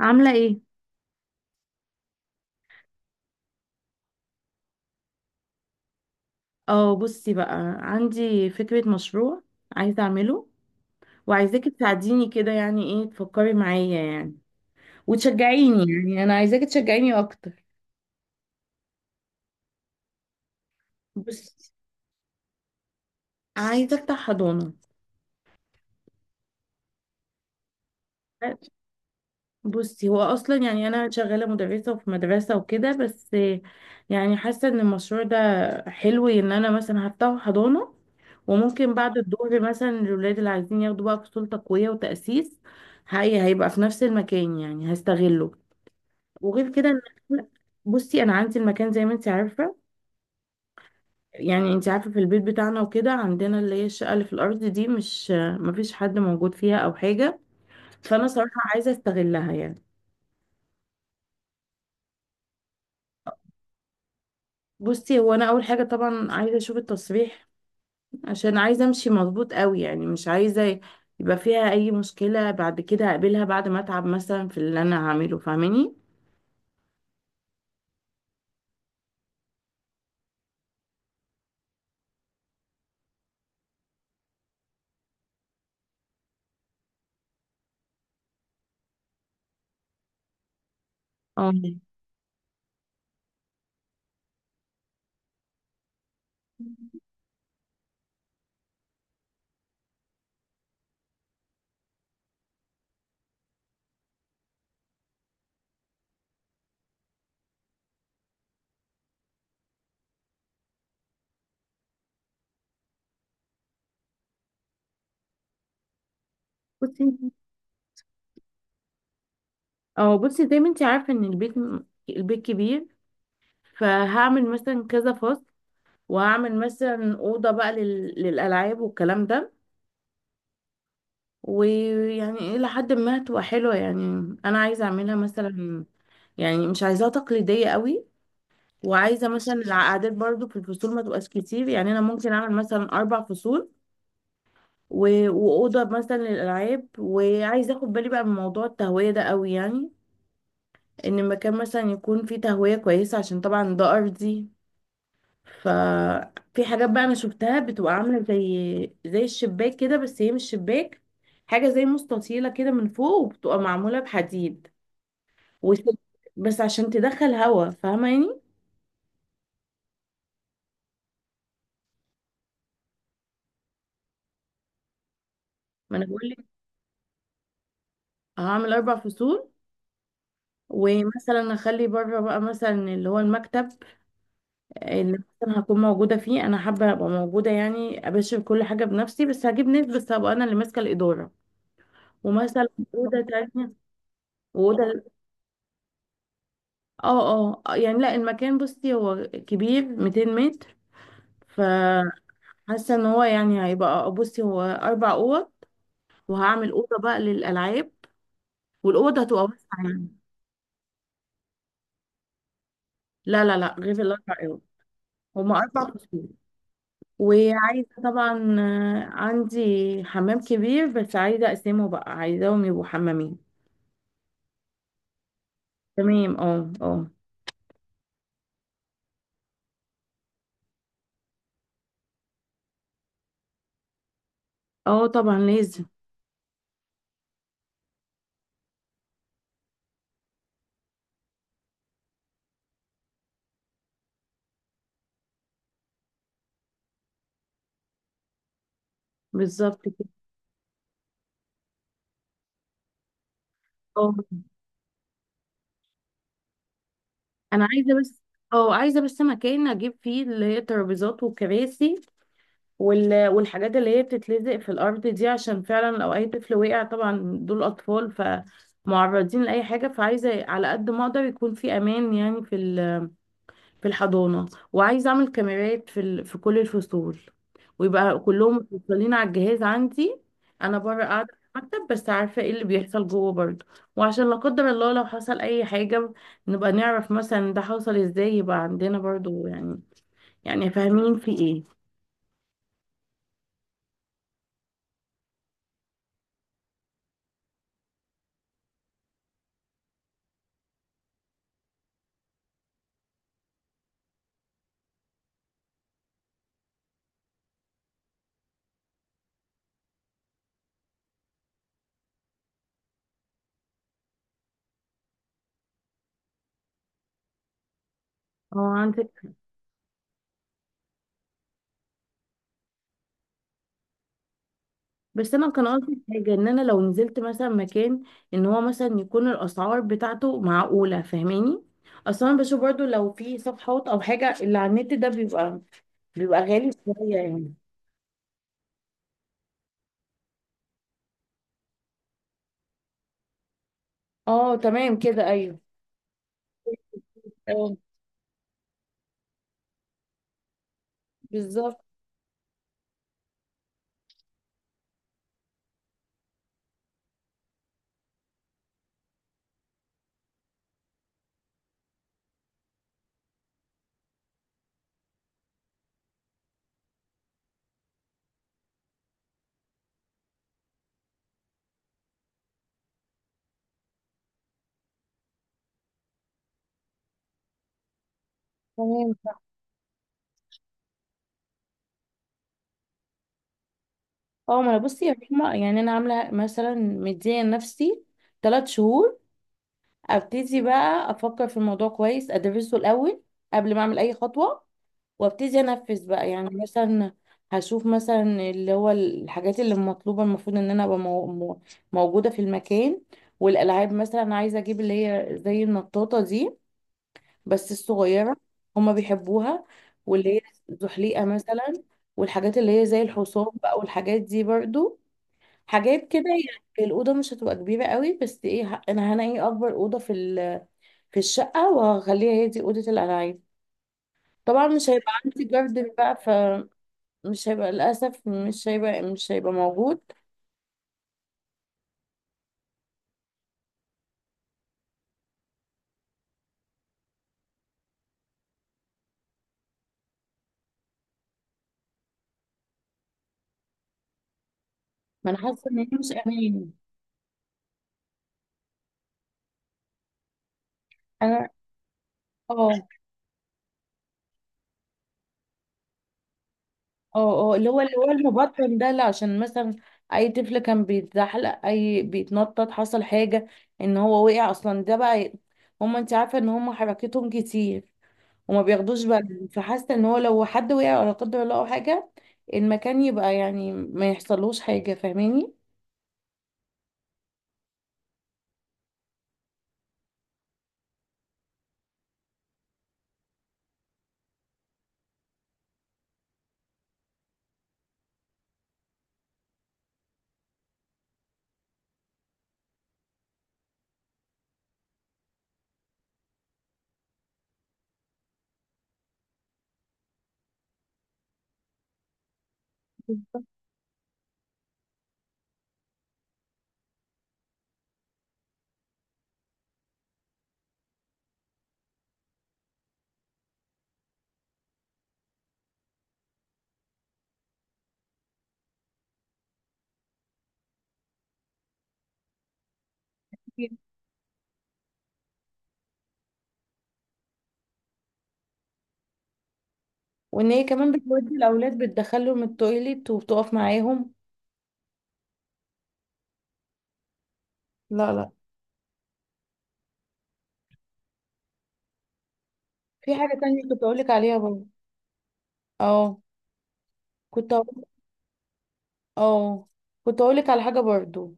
عاملة ايه؟ اه، بصي بقى. عندي فكرة مشروع عايزة اعمله، وعايزاكي تساعديني كده، يعني ايه تفكري معايا يعني وتشجعيني. يعني انا عايزاكي تشجعيني اكتر. بصي، عايزة افتح حضانة. بصي هو اصلا يعني انا شغالة مدرسة وفي مدرسة وكده بس. يعني حاسة ان المشروع ده حلو، ان انا مثلا هفتح حضانة، وممكن بعد الظهر مثلا الولاد اللي عايزين ياخدوا بقى فصول تقوية وتأسيس. هي هيبقى في نفس المكان، يعني هستغله. وغير كده ان بصي انا عندي المكان زي ما انت عارفه. يعني انت عارفه في البيت بتاعنا وكده، عندنا اللي هي الشقه اللي في الارض دي مش مفيش حد موجود فيها او حاجه، فانا صراحه عايزه استغلها يعني. بصي هو انا اول حاجه طبعا عايزه اشوف التصريح، عشان عايزه امشي مظبوط قوي، يعني مش عايزه يبقى فيها اي مشكله بعد كده اقابلها بعد ما اتعب مثلا في اللي انا هعمله، فاهماني؟ اه، بصي. اه بصي، زي ما انت عارفه ان البيت كبير، فهعمل مثلا كذا فصل، وهعمل مثلا أوضة بقى للألعاب والكلام ده. ويعني إلى حد ما هتبقى حلوة يعني. أنا عايزة أعملها مثلا، يعني مش عايزاها تقليدية قوي. وعايزة مثلا العقادات برضو في الفصول ما تبقاش كتير، يعني أنا ممكن أعمل مثلا أربع فصول و... وأوضة مثلا للألعاب. وعايزة أخد بالي بقى من موضوع التهوية ده قوي، يعني إن المكان مثلا يكون فيه تهوية كويسة، عشان طبعا ده أرضي. ففي حاجات بقى انا شفتها بتبقى عامله زي الشباك كده، بس هي مش شباك، حاجه زي مستطيله كده من فوق، وبتبقى معموله بحديد وسلك، بس عشان تدخل هوا، فاهمه يعني. ما انا بقول لك، هعمل اربع فصول، ومثلا اخلي بره بقى مثلا اللي هو المكتب، اللي مثلا هكون موجوده فيه. انا حابه ابقى موجوده، يعني ابشر كل حاجه بنفسي، بس هجيب ناس بس هبقى انا اللي ماسكه الاداره. ومثلا اوضه تانية واوضه. اه اه، يعني لا، المكان بصي هو كبير 200 متر، فحاسه ان هو يعني هيبقى بصي هو اربع اوض، وهعمل اوضه بقى للالعاب، والاوضه هتبقى واسعه يعني. لا لا لا، غير الاربع اوض. هما اربع فصول. وعايزه طبعا، آه، عندي حمام كبير بس عايزه اقسمه بقى، عايزاهم يبقوا حمامين. تمام، اه اه. اه طبعا لازم. بالظبط كده. اه انا عايزه بس، اه عايزه بس مكان اجيب فيه اللي هي ترابيزات وكراسي وال... والحاجات اللي هي بتتلزق في الأرض دي، عشان فعلا لو أي طفل وقع، طبعا دول أطفال فمعرضين لأي حاجة، فعايزة على قد ما أقدر يكون في أمان، يعني في الحضانة. وعايزة أعمل كاميرات في كل الفصول، ويبقى كلهم متوصلين على الجهاز عندي. أنا بره قاعدة في المكتب، بس عارفة ايه اللي بيحصل جوه برضه، وعشان لا قدر الله لو حصل أي حاجة نبقى نعرف مثلا ده حصل ازاي، يبقى عندنا برضه يعني. يعني فاهمين في ايه؟ اه عندك. بس انا كان قصدي حاجه، ان انا لو نزلت مثلا مكان، ان هو مثلا يكون الاسعار بتاعته معقوله، فاهماني؟ اصلا انا بشوف برضو لو في صفحات او حاجه اللي على النت، ده بيبقى غالي شويه يعني. اه تمام كده، ايوه. اه بالظبط. تمام صح. اه ما انا بصي يا رحمه، يعني انا عامله مثلا مديه لنفسي 3 شهور، ابتدي بقى افكر في الموضوع كويس، ادرسه الاول قبل ما اعمل اي خطوه، وابتدي انفذ بقى، يعني مثلا هشوف مثلا اللي هو الحاجات اللي مطلوبه المفروض ان انا ابقى موجوده في المكان. والالعاب مثلا عايزه اجيب اللي هي زي النطاطه دي بس الصغيره، هما بيحبوها. واللي هي زحليقه مثلا، والحاجات اللي هي زي الحصان بقى والحاجات دي برضو، حاجات كده. يعني الاوضه مش هتبقى كبيره قوي، بس ايه، انا هنقي اكبر اوضه في الشقه وهخليها هي دي اوضه الالعاب. طبعا مش هيبقى عندي جاردن بقى، مش هيبقى للأسف، مش هيبقى موجود. ما أنا حاسة إن هي مش أمان. أنا، اه، اه اه اللي هو المبطن ده، لا عشان مثلا أي طفل كان بيتزحلق، أي بيتنطط حصل حاجة إن هو وقع أصلا، ده بقى هما، أنت عارفة إن هما حركتهم كتير وما بياخدوش بالهم، فحاسة إن هو لو حد وقع ولا قدر الله أو حاجة، المكان يبقى يعني ما يحصلوش حاجة، فاهماني؟ وإن هي كمان بتودي الأولاد بتدخلهم التويليت وبتقف معاهم. لا لا. في حاجة تانية كنت أقولك عليها برضه. اه كنت أقول. اه كنت أقولك على حاجة برضه.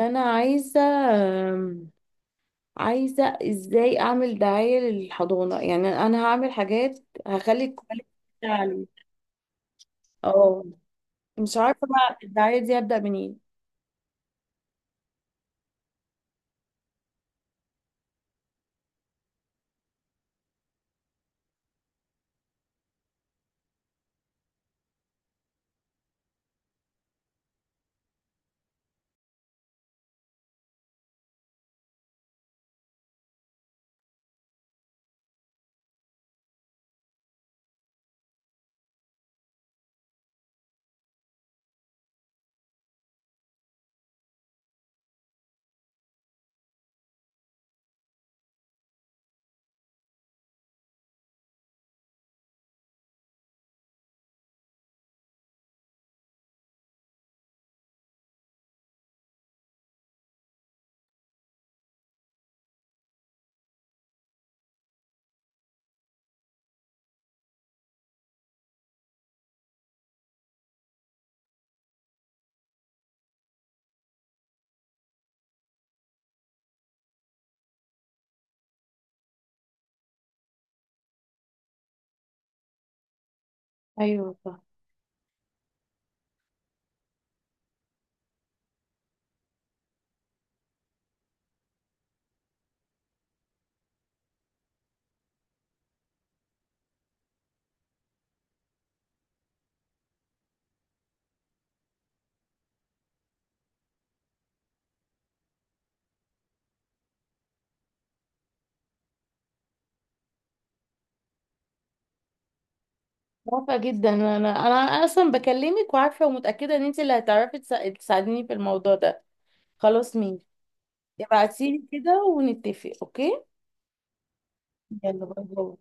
أنا آم، عايزة إزاي أعمل دعاية للحضانة، يعني أنا هعمل حاجات هخلي الكواليتي بتاعي. اه مش عارفة بقى الدعاية دي هبدأ منين. أيوه صح. موافقة جدا، أنا أصلا بكلمك وعارفة ومتأكدة إن أنت اللي هتعرفي تساعديني في الموضوع ده. خلاص، مين؟ ابعتيلي كده ونتفق، أوكي. يلا باي باي.